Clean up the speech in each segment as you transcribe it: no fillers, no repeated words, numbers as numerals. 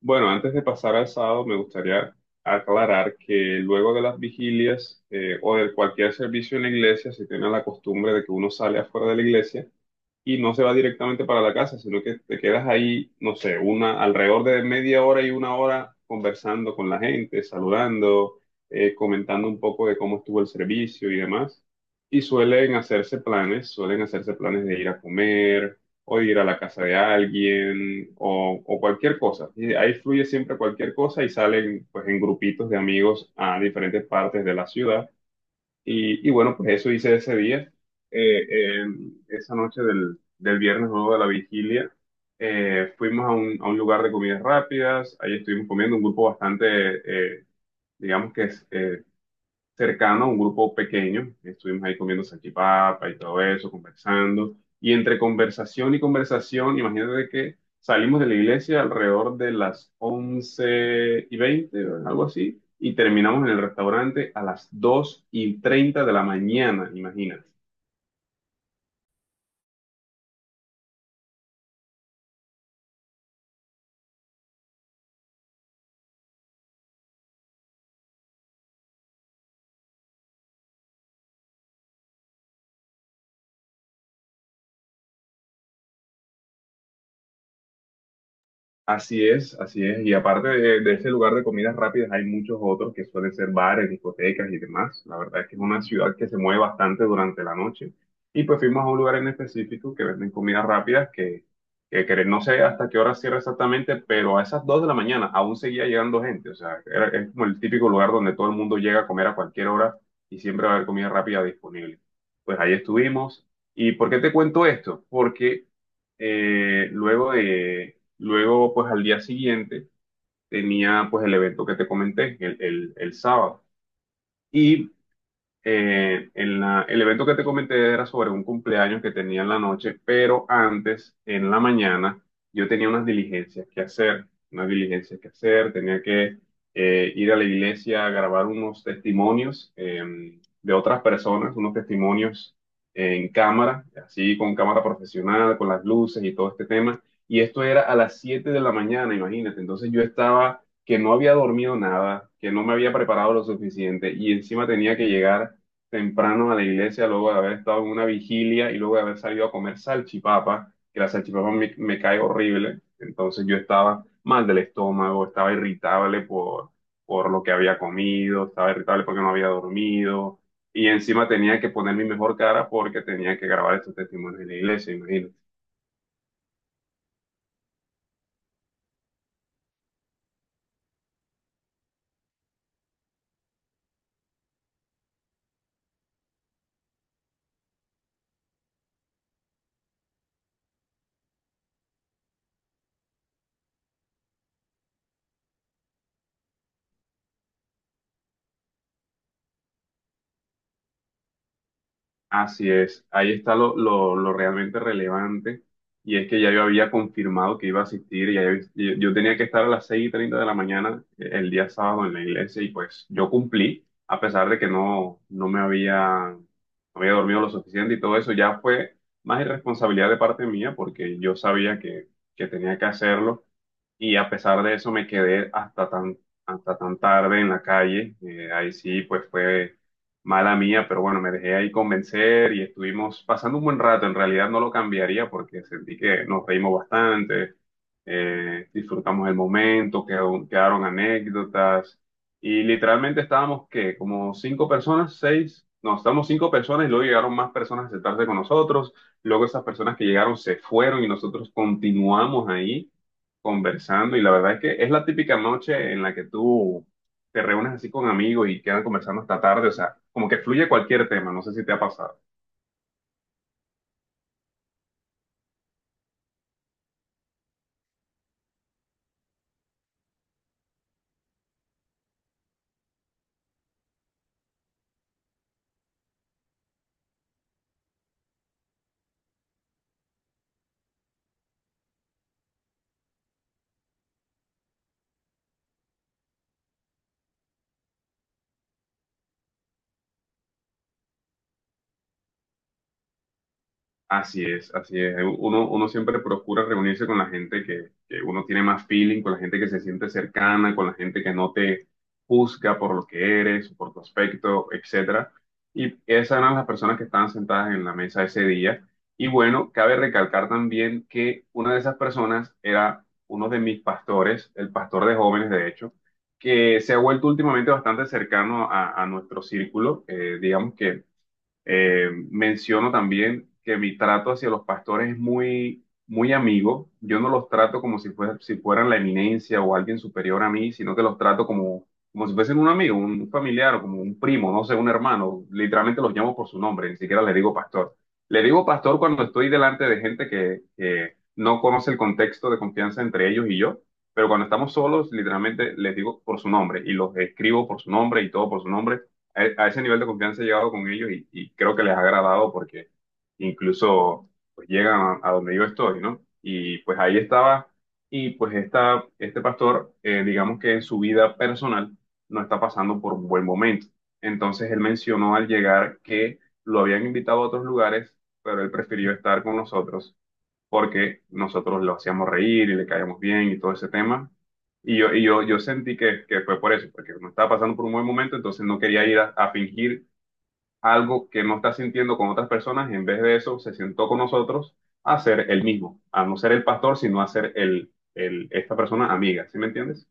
Bueno, antes de pasar al sábado, me gustaría aclarar que luego de las vigilias o de cualquier servicio en la iglesia, se tiene la costumbre de que uno sale afuera de la iglesia y no se va directamente para la casa, sino que te quedas ahí, no sé, alrededor de media hora y una hora conversando con la gente, saludando, comentando un poco de cómo estuvo el servicio y demás. Y suelen hacerse planes de ir a comer o de ir a la casa de alguien o cualquier cosa. Y ahí fluye siempre cualquier cosa y salen pues en grupitos de amigos a diferentes partes de la ciudad y bueno, pues eso hice ese día. Eh, eh, Esa noche del viernes luego de la vigilia. Fuimos a a un lugar de comidas rápidas, ahí estuvimos comiendo un grupo bastante, digamos que es cercano, un grupo pequeño, estuvimos ahí comiendo salchipapa y todo eso, conversando, y entre conversación y conversación, imagínate que salimos de la iglesia alrededor de las 11:20, algo así, y terminamos en el restaurante a las 2:30 de la mañana, imagínate. Así es, así es. Y aparte de ese lugar de comidas rápidas, hay muchos otros que suelen ser bares, discotecas y demás. La verdad es que es una ciudad que se mueve bastante durante la noche. Y pues fuimos a un lugar en específico que venden comidas rápidas que no sé hasta qué hora cierra exactamente, pero a esas 2 de la mañana aún seguía llegando gente. O sea, es como el típico lugar donde todo el mundo llega a comer a cualquier hora y siempre va a haber comida rápida disponible. Pues ahí estuvimos. ¿Y por qué te cuento esto? Porque eh, luego de, Luego, pues al día siguiente tenía pues el evento que te comenté, el sábado. Y el evento que te comenté era sobre un cumpleaños que tenía en la noche, pero antes, en la mañana, yo tenía unas diligencias que hacer, tenía que ir a la iglesia a grabar unos testimonios de otras personas, unos testimonios en cámara, así con cámara profesional, con las luces y todo este tema. Y esto era a las 7 de la mañana, imagínate. Entonces yo estaba que no había dormido nada, que no me había preparado lo suficiente y encima tenía que llegar temprano a la iglesia luego de haber estado en una vigilia y luego de haber salido a comer salchipapa, que la salchipapa me cae horrible. Entonces yo estaba mal del estómago, estaba irritable por lo que había comido, estaba irritable porque no había dormido y encima tenía que poner mi mejor cara porque tenía que grabar estos testimonios en la iglesia, imagínate. Así es, ahí está lo realmente relevante y es que ya yo había confirmado que iba a asistir, yo tenía que estar a las 6:30 de la mañana el día sábado en la iglesia y pues yo cumplí, a pesar de que no me había, no había dormido lo suficiente y todo eso, ya fue más irresponsabilidad de parte mía porque yo sabía que tenía que hacerlo y a pesar de eso me quedé hasta tan tarde en la calle. Ahí sí, pues fue mala mía, pero bueno, me dejé ahí convencer y estuvimos pasando un buen rato. En realidad no lo cambiaría porque sentí que nos reímos bastante, disfrutamos el momento, quedaron anécdotas y literalmente estábamos, ¿qué? Como cinco personas, seis. No, estábamos cinco personas y luego llegaron más personas a sentarse con nosotros. Luego esas personas que llegaron se fueron y nosotros continuamos ahí conversando y la verdad es que es la típica noche en la que tú te reúnes así con amigos y quedan conversando hasta tarde, o sea, como que fluye cualquier tema, no sé si te ha pasado. Así es, así es. Uno siempre procura reunirse con la gente que uno tiene más feeling, con la gente que se siente cercana, con la gente que no te juzga por lo que eres, por tu aspecto, etcétera. Y esas eran las personas que estaban sentadas en la mesa ese día. Y bueno, cabe recalcar también que una de esas personas era uno de mis pastores, el pastor de jóvenes, de hecho, que se ha vuelto últimamente bastante cercano a nuestro círculo. Digamos que Menciono también que mi trato hacia los pastores es muy, muy amigo. Yo no los trato como si fueran la eminencia o alguien superior a mí, sino que los trato como, como si fuesen un amigo, un familiar o como un primo, no sé, un hermano. Literalmente los llamo por su nombre, ni siquiera le digo pastor. Le digo pastor cuando estoy delante de gente que no conoce el contexto de confianza entre ellos y yo. Pero cuando estamos solos, literalmente les digo por su nombre y los escribo por su nombre y todo por su nombre a ese nivel de confianza he llegado con ellos y creo que les ha agradado porque incluso pues, llegan a donde yo estoy, ¿no? Y pues ahí estaba y pues este pastor, digamos que en su vida personal no está pasando por un buen momento. Entonces él mencionó al llegar que lo habían invitado a otros lugares, pero él prefirió estar con nosotros porque nosotros lo hacíamos reír y le caíamos bien y todo ese tema. Yo sentí que fue por eso, porque no estaba pasando por un buen momento, entonces no quería ir a fingir algo que no está sintiendo con otras personas, y en vez de eso se sentó con nosotros a ser el mismo, a no ser el pastor, sino a ser esta persona amiga, ¿sí me entiendes?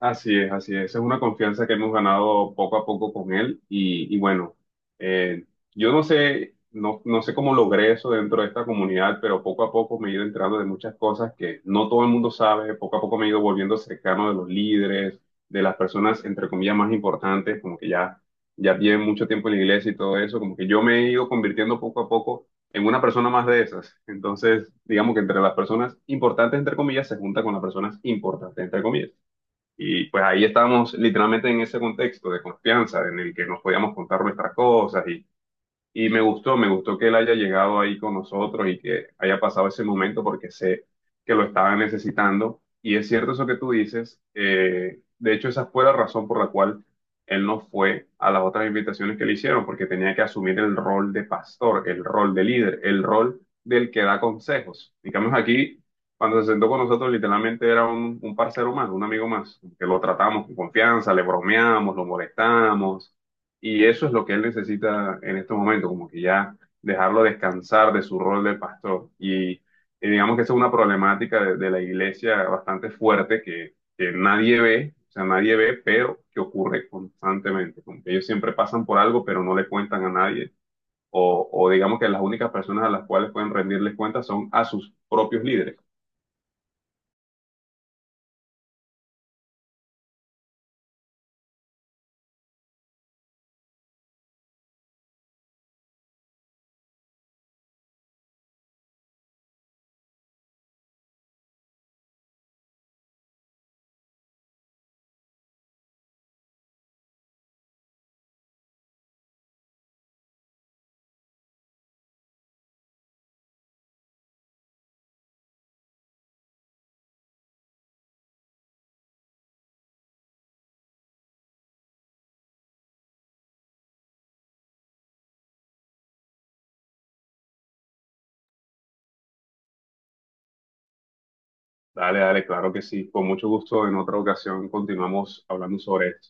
Así es, así es. Es una confianza que hemos ganado poco a poco con él y bueno, eh, yo no sé, no, no sé cómo logré eso dentro de esta comunidad, pero poco a poco me he ido enterando de muchas cosas que no todo el mundo sabe. Poco a poco me he ido volviendo cercano de los líderes, de las personas, entre comillas, más importantes, ya tienen mucho tiempo en la iglesia y todo eso, como que yo me he ido convirtiendo poco a poco en una persona más de esas. Entonces, digamos que entre las personas importantes, entre comillas, se junta con las personas importantes, entre comillas. Y pues ahí estábamos literalmente en ese contexto de confianza en el que nos podíamos contar nuestras cosas y me gustó que él haya llegado ahí con nosotros y que haya pasado ese momento porque sé que lo estaba necesitando. Y es cierto eso que tú dices. De hecho, esa fue la razón por la cual él no fue a las otras invitaciones que le hicieron, porque tenía que asumir el rol de pastor, el rol de líder, el rol del que da consejos. Digamos aquí, cuando se sentó con nosotros, literalmente era un parcero más, un amigo más, que lo tratamos con confianza, le bromeamos, lo molestamos y eso es lo que él necesita en este momento, como que ya dejarlo descansar de su rol de pastor. Digamos que esa es una problemática de la iglesia bastante fuerte que nadie ve, o sea, nadie ve, pero que ocurre constantemente. Como que ellos siempre pasan por algo, pero no le cuentan a nadie. O digamos que las únicas personas a las cuales pueden rendirles cuentas son a sus propios líderes. Dale, dale, claro que sí. Con mucho gusto, en otra ocasión continuamos hablando sobre esto.